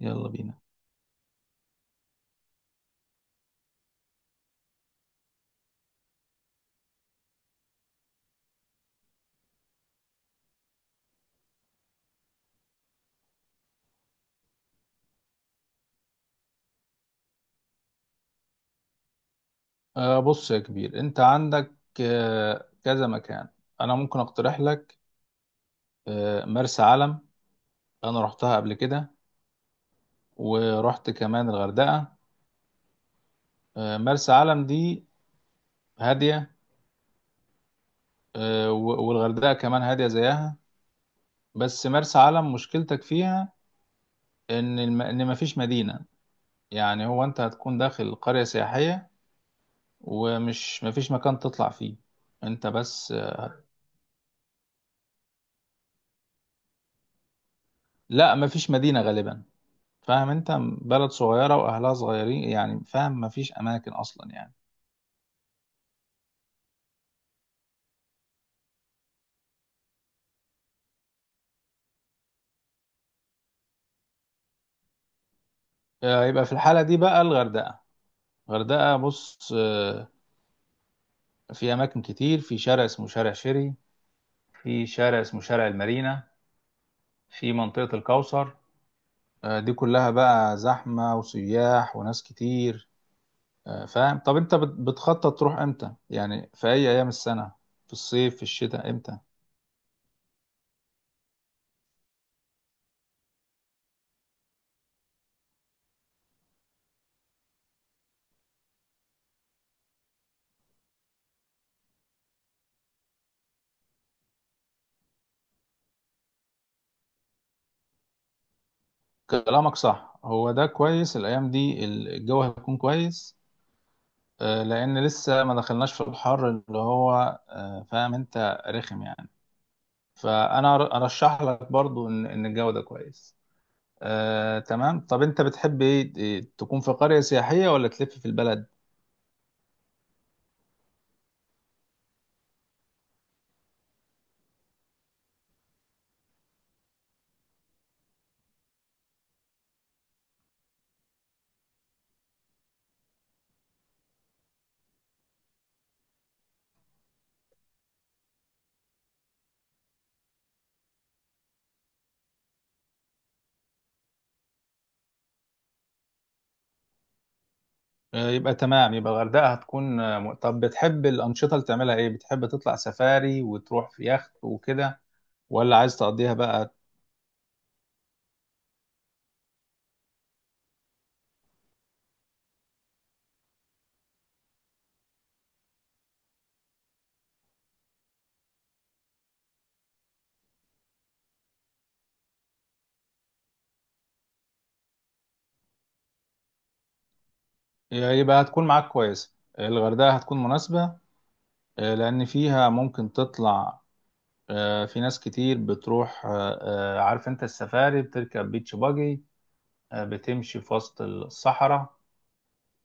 يلا بينا. بص يا كبير، انت عندك كذا مكان. انا ممكن اقترح لك مرسى علم. انا رحتها قبل كده، ورحت كمان الغردقة. مرسى علم دي هادية. والغردقة كمان هادية زيها. بس مرسى علم مشكلتك فيها ان مفيش مدينة. يعني هو انت هتكون داخل قرية سياحية، ومش مفيش مكان تطلع فيه انت، بس لا مفيش مدينة غالبا. فاهم، انت بلد صغيره واهلها صغيرين، يعني فاهم مفيش اماكن اصلا يعني. يبقى في الحاله دي بقى الغردقه. الغردقه بص، في اماكن كتير. في شارع اسمه شارع شيري، في شارع اسمه شارع المارينا، في منطقه الكوثر. دي كلها بقى زحمه وسياح وناس كتير. فاهم. طب انت بتخطط تروح امتى، يعني في اي ايام السنه؟ في الصيف في الشتاء امتى؟ كلامك صح، هو ده كويس. الايام دي الجو هيكون كويس، لان لسه ما دخلناش في الحر اللي هو فاهم، انت رخم يعني. فانا ارشح لك برضو ان الجو ده كويس. تمام. طب انت بتحب ايه، تكون في قرية سياحية ولا تلف في البلد؟ يبقى تمام، يبقى الغردقة هتكون طب بتحب الأنشطة اللي تعملها ايه؟ بتحب تطلع سفاري وتروح في يخت وكده ولا عايز تقضيها بقى؟ يبقى هتكون معاك كويس، الغردقة هتكون مناسبة. لأن فيها ممكن تطلع. في ناس كتير بتروح، عارف انت السفاري بتركب بيتش باجي، بتمشي في وسط الصحراء.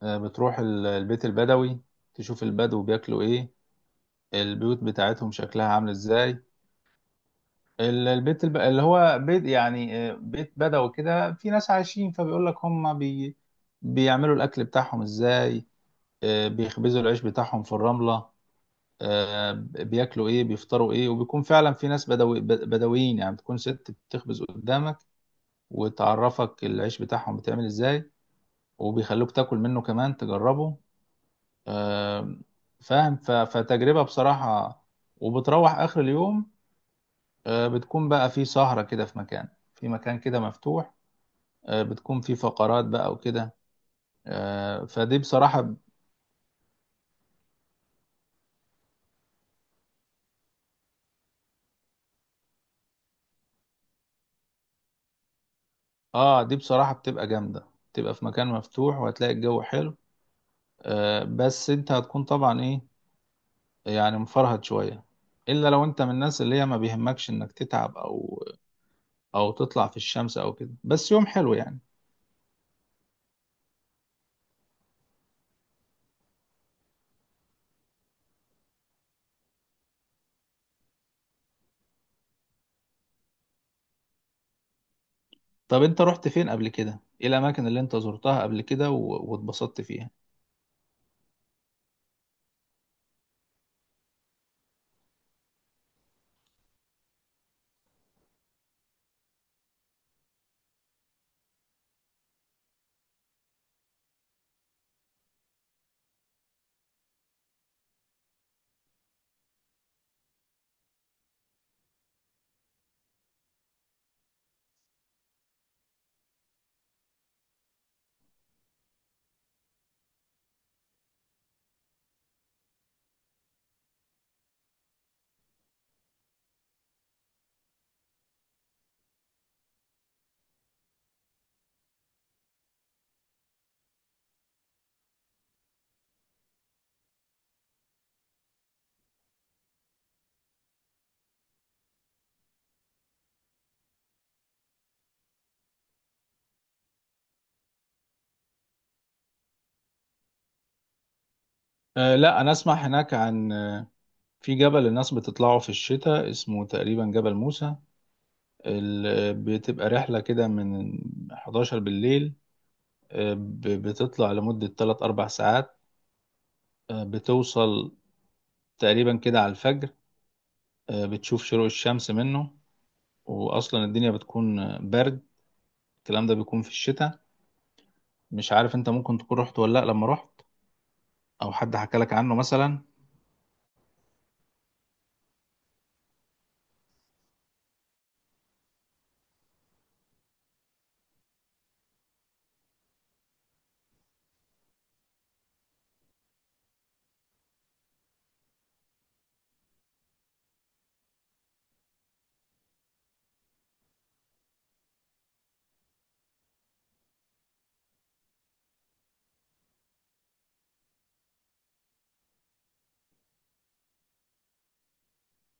بتروح البيت البدوي، تشوف البدو بياكلوا ايه، البيوت بتاعتهم شكلها عامل ازاي. اللي هو بيت، يعني بيت بدوي كده، في ناس عايشين. فبيقول لك بيعملوا الاكل بتاعهم ازاي. بيخبزوا العيش بتاعهم في الرملة. آه، بياكلوا ايه، بيفطروا ايه. وبيكون فعلا في ناس بدوي بدويين، يعني بتكون ست بتخبز قدامك وتعرفك العيش بتاعهم بيتعمل ازاي، وبيخلوك تاكل منه كمان تجربه. آم، فاهم. فتجربة بصراحة. وبتروح آخر اليوم بتكون بقى في سهرة كده في مكان، في مكان كده مفتوح. بتكون في فقرات بقى وكده. فدي بصراحة. اه دي بصراحة بتبقى جامدة. بتبقى في مكان مفتوح وهتلاقي الجو حلو. بس انت هتكون طبعا ايه، يعني مفرهد شوية. الا لو انت من الناس اللي هي ما بيهمكش انك تتعب او تطلع في الشمس او كده، بس يوم حلو يعني. طب انت رحت فين قبل كده؟ ايه الاماكن اللي انت زرتها قبل كده واتبسطت فيها؟ أه لا، انا اسمع هناك عن في جبل الناس بتطلعه في الشتاء، اسمه تقريبا جبل موسى. بتبقى رحلة كده من 11 بالليل. بتطلع لمدة 3 4 ساعات. بتوصل تقريبا كده على الفجر. بتشوف شروق الشمس منه. واصلا الدنيا بتكون برد. الكلام ده بيكون في الشتاء. مش عارف، انت ممكن تكون رحت ولا لا لما رحت، او حد حكى لك عنه مثلا.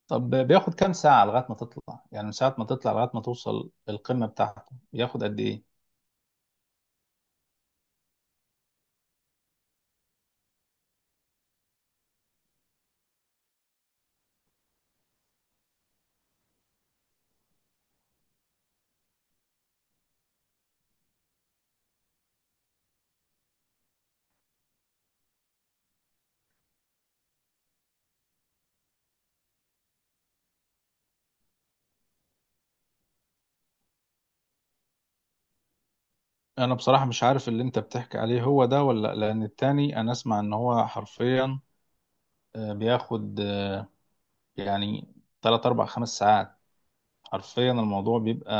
طب بياخد كام ساعة لغاية ما تطلع، يعني من ساعة ما تطلع لغاية ما توصل القمة بتاعته بياخد قد ايه؟ انا بصراحة مش عارف اللي انت بتحكي عليه هو ده ولا لأ، لان التاني انا اسمع ان هو حرفيا بياخد يعني 3 4 5 ساعات. حرفيا الموضوع بيبقى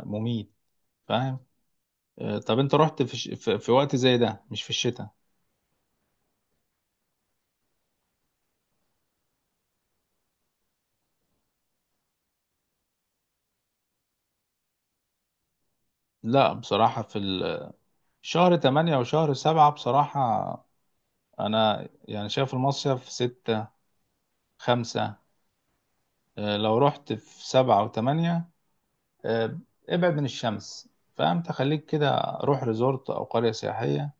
مميت، فاهم. طب انت رحت في وقت زي ده مش في الشتاء؟ لا بصراحة في شهر 8 وشهر 7 بصراحة. انا يعني شايف المصيف ستة خمسة. لو رحت في سبعة وثمانية آه، ابعد من الشمس. فأنت خليك كده، روح ريزورت أو قرية سياحية،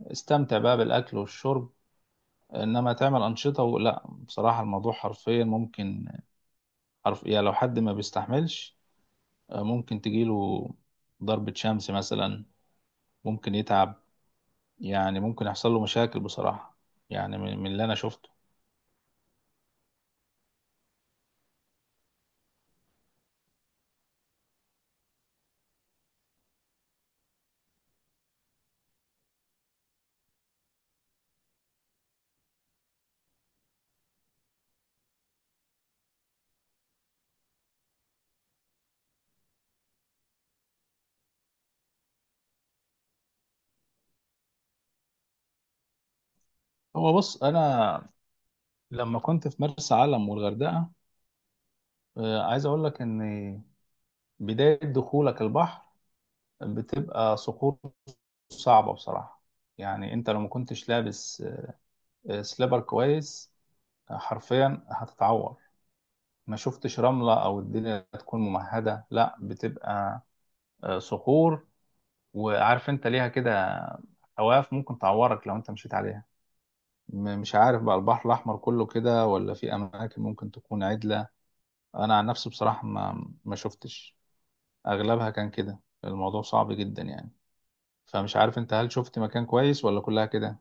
استمتع بقى بالأكل والشرب، إنما تعمل أنشطة ولا. بصراحة الموضوع حرفيا ممكن يعني لو حد ما بيستحملش ممكن تجيله ضربة شمس مثلا، ممكن يتعب، يعني ممكن يحصل له مشاكل بصراحة، يعني من اللي أنا شفته. هو بص أنا لما كنت في مرسى علم والغردقة عايز اقول لك ان بداية دخولك البحر بتبقى صخور صعبة بصراحة. يعني انت لو ما كنتش لابس سليبر كويس حرفيا هتتعور. ما شفتش رملة او الدنيا تكون ممهدة، لا بتبقى صخور، وعارف انت ليها كده حواف ممكن تعورك لو انت مشيت عليها. مش عارف بقى البحر الاحمر كله كده ولا في اماكن ممكن تكون عدلة. انا عن نفسي بصراحة ما شفتش. اغلبها كان كده، الموضوع صعب جدا يعني. فمش عارف انت هل شفت مكان كويس ولا كلها كده؟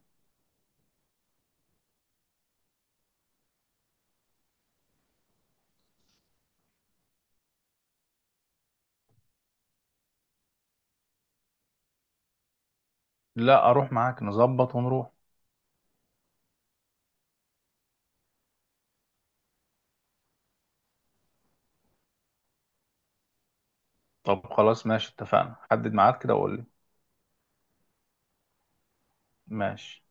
لا اروح معاك، نظبط ونروح. طب خلاص ماشي، اتفقنا. حدد ميعاد كده وقول لي. ماشي.